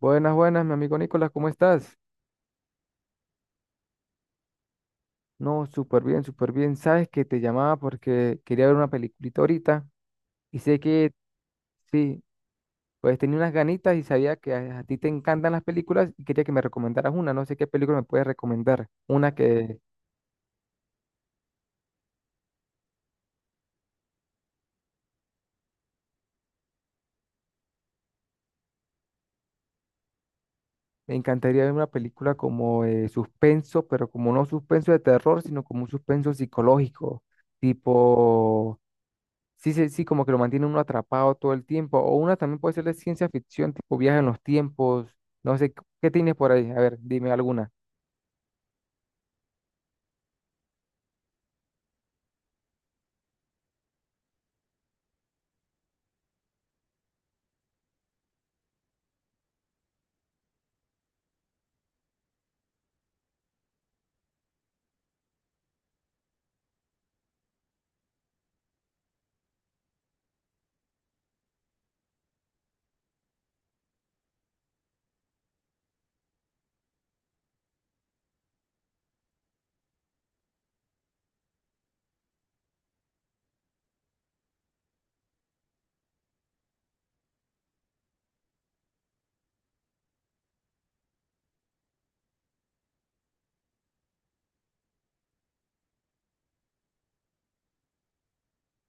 Buenas, buenas, mi amigo Nicolás, ¿cómo estás? No, súper bien, súper bien. Sabes que te llamaba porque quería ver una peliculita ahorita y sé que sí, pues tenía unas ganitas y sabía que a ti te encantan las películas y quería que me recomendaras una. No sé qué película me puedes recomendar. Una que me encantaría ver una película como suspenso, pero como no suspenso de terror, sino como un suspenso psicológico, tipo. Sí, sí, sí, como que lo mantiene uno atrapado todo el tiempo. O una también puede ser de ciencia ficción, tipo viaje en los tiempos. No sé, ¿qué tienes por ahí? A ver, dime alguna.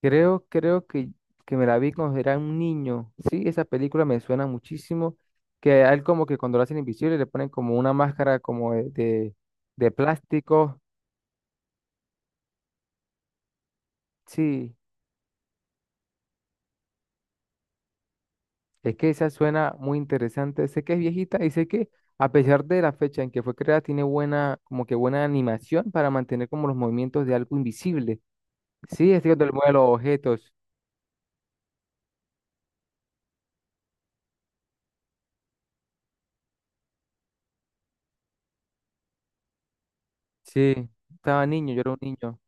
Creo que me la vi cuando era un niño. Sí, esa película me suena muchísimo. Que a él como que cuando lo hacen invisible le ponen como una máscara como de plástico. Sí, es que esa suena muy interesante. Sé que es viejita y sé que a pesar de la fecha en que fue creada, tiene buena, como que buena animación para mantener como los movimientos de algo invisible. Sí, este que te mueve los objetos. Sí, estaba niño, yo era un niño.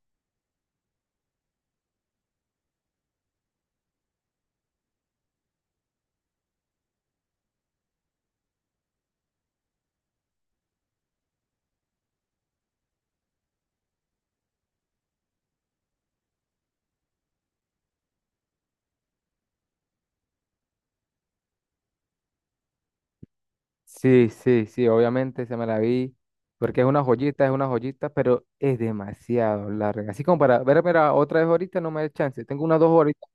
Sí, sí, sí, obviamente se me la vi. Porque es una joyita, pero es demasiado larga. Así como para ver, ver a otra vez ahorita no me da chance. Tengo unas dos horitas,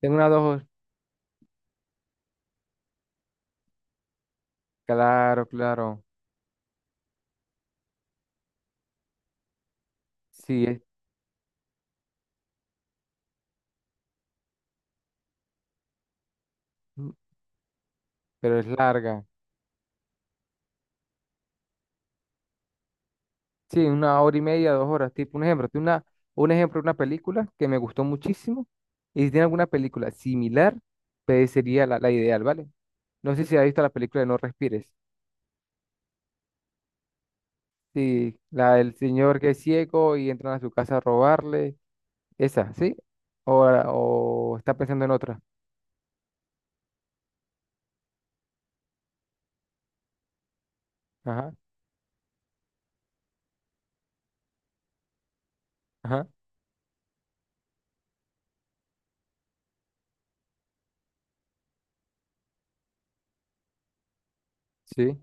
tengo unas dos hor- claro, claro. Sí, es, mm, pero es larga. Sí, una hora y media, dos horas, tipo un ejemplo. Tiene una, un ejemplo de una película que me gustó muchísimo. Y si tiene alguna película similar, pues sería la ideal, ¿vale? No sé si has visto la película de No Respires. Sí, la del señor que es ciego y entran a su casa a robarle. Esa, ¿sí? O está pensando en otra. Ajá, ajá, sí.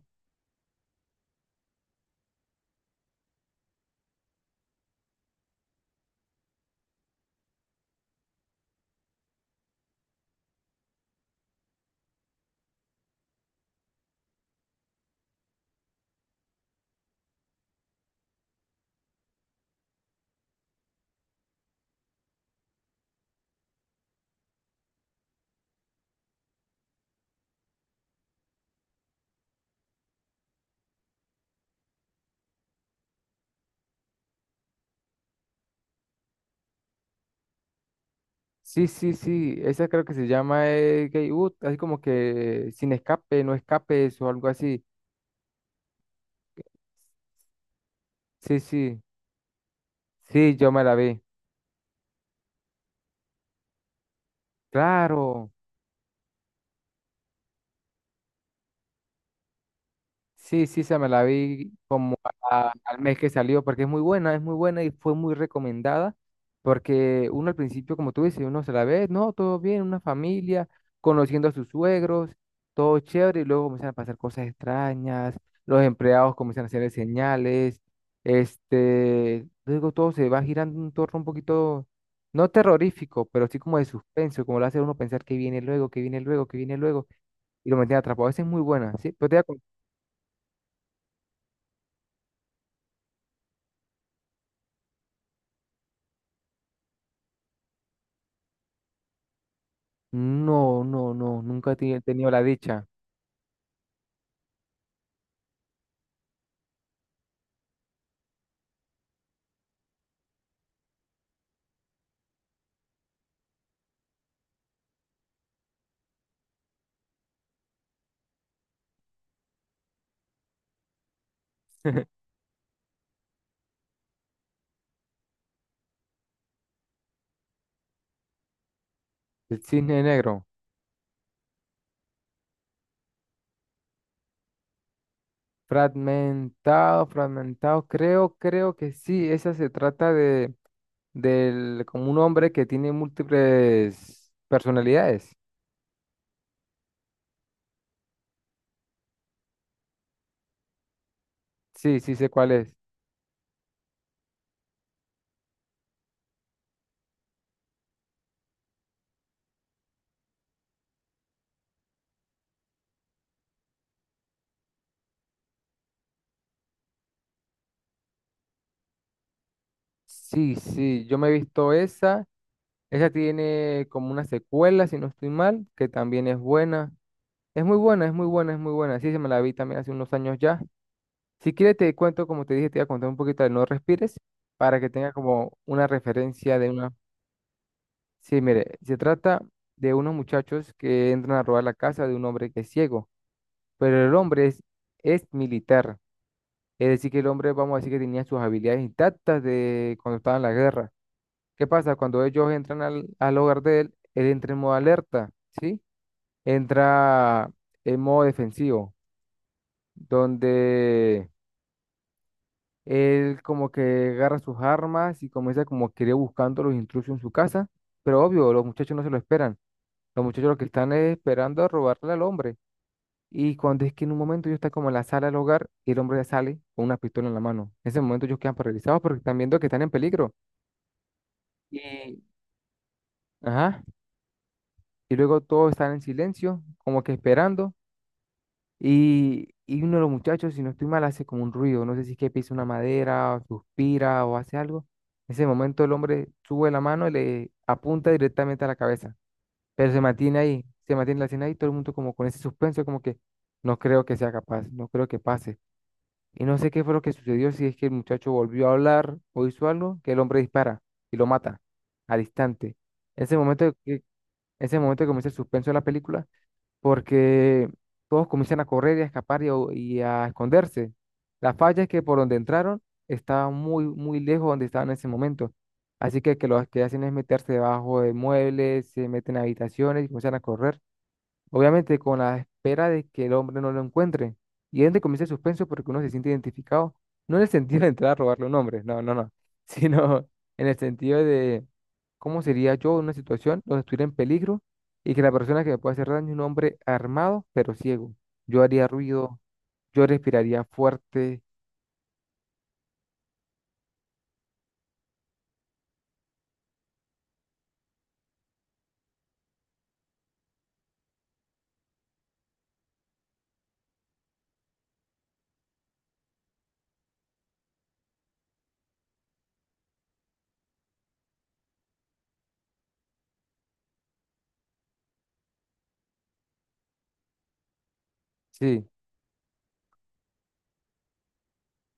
Sí, sí, sí. Esa creo que se llama Gay Ut, así como que sin escape, no escapes o algo así. Sí, sí. Sí, yo me la vi. Claro. Sí, sí, se me la vi como al mes que salió, porque es muy buena y fue muy recomendada, porque uno al principio, como tú dices, uno se la ve, no, todo bien, una familia, conociendo a sus suegros, todo chévere, y luego comienzan a pasar cosas extrañas, los empleados comienzan a hacer señales, este, luego todo se va girando en un torno un poquito, no terrorífico, pero sí como de suspenso, como lo hace uno pensar que viene luego, que viene luego, que viene luego, y lo mantiene atrapado. Esa es muy buena, ¿sí? Pero te voy a no, no, no, nunca he tenido la dicha. El cisne negro. Fragmentado, fragmentado. Creo que sí. Esa se trata de, del, como un hombre que tiene múltiples personalidades. Sí, sí sé cuál es. Sí, sí, yo me he visto esa. Esa tiene como una secuela, si no estoy mal, que también es buena. Es muy buena, es muy buena, es muy buena. Sí, se me la vi también hace unos años ya. Si quieres te cuento, como te dije, te voy a contar un poquito de No Respires para que tenga como una referencia de una... Sí, mire, se trata de unos muchachos que entran a robar la casa de un hombre que es ciego, pero el hombre es militar, es decir, que el hombre, vamos a decir que tenía sus habilidades intactas de cuando estaba en la guerra. ¿Qué pasa? Cuando ellos entran al hogar de él, él entra en modo alerta, ¿sí? Entra en modo defensivo, donde... él como que agarra sus armas y comienza como que ir buscando a los intrusos en su casa, pero obvio, los muchachos no se lo esperan. Los muchachos lo que están es esperando a robarle al hombre. Y cuando es que en un momento ellos están como en la sala del hogar y el hombre ya sale con una pistola en la mano. En ese momento ellos quedan paralizados porque están viendo que están en peligro. Y, ajá, y luego todos están en silencio, como que esperando. Y uno de los muchachos, si no estoy mal, hace como un ruido. No sé si es que pisa una madera, o suspira o hace algo. En ese momento el hombre sube la mano y le apunta directamente a la cabeza. Pero se mantiene ahí, se mantiene la escena ahí, todo el mundo como con ese suspenso, como que no creo que sea capaz, no creo que pase. Y no sé qué fue lo que sucedió, si es que el muchacho volvió a hablar o hizo algo, que el hombre dispara y lo mata al instante. Ese momento que, ese momento que comienza el suspenso de la película porque todos comienzan a correr y a escapar y a esconderse. La falla es que por donde entraron estaba muy, muy lejos donde estaban en ese momento. Así que lo que hacen es meterse debajo de muebles, se meten a habitaciones y comienzan a correr. Obviamente con la espera de que el hombre no lo encuentre. Y es donde comienza el suspenso porque uno se siente identificado, no en el sentido de entrar a robarle un hombre, no, no, no, sino en el sentido de cómo sería yo en una situación donde estuviera en peligro y que la persona que me puede hacer daño es un hombre armado pero ciego. Yo haría ruido, yo respiraría fuerte, sí,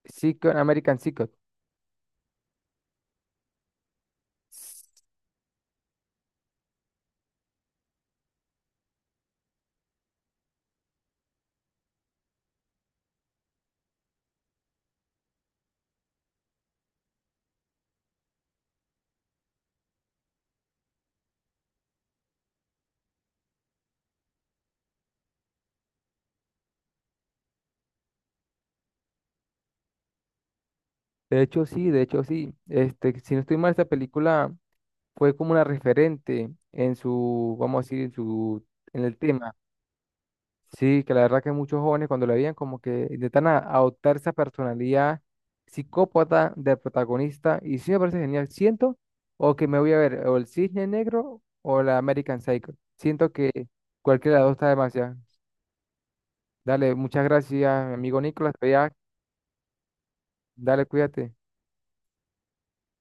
sí, con American Psycho. De hecho, sí, de hecho, sí. Este, si no estoy mal, esta película... fue como una referente en su, vamos a decir, en su, en el tema. Sí, que la verdad que muchos jóvenes cuando la veían como que intentan adoptar esa personalidad psicópata del protagonista y sí me parece genial. Siento o que me voy a ver o el Cisne Negro o la American Psycho. Siento que cualquiera de las dos está demasiado. Dale, muchas gracias, amigo Nicolás. Te voy a- dale, cuídate.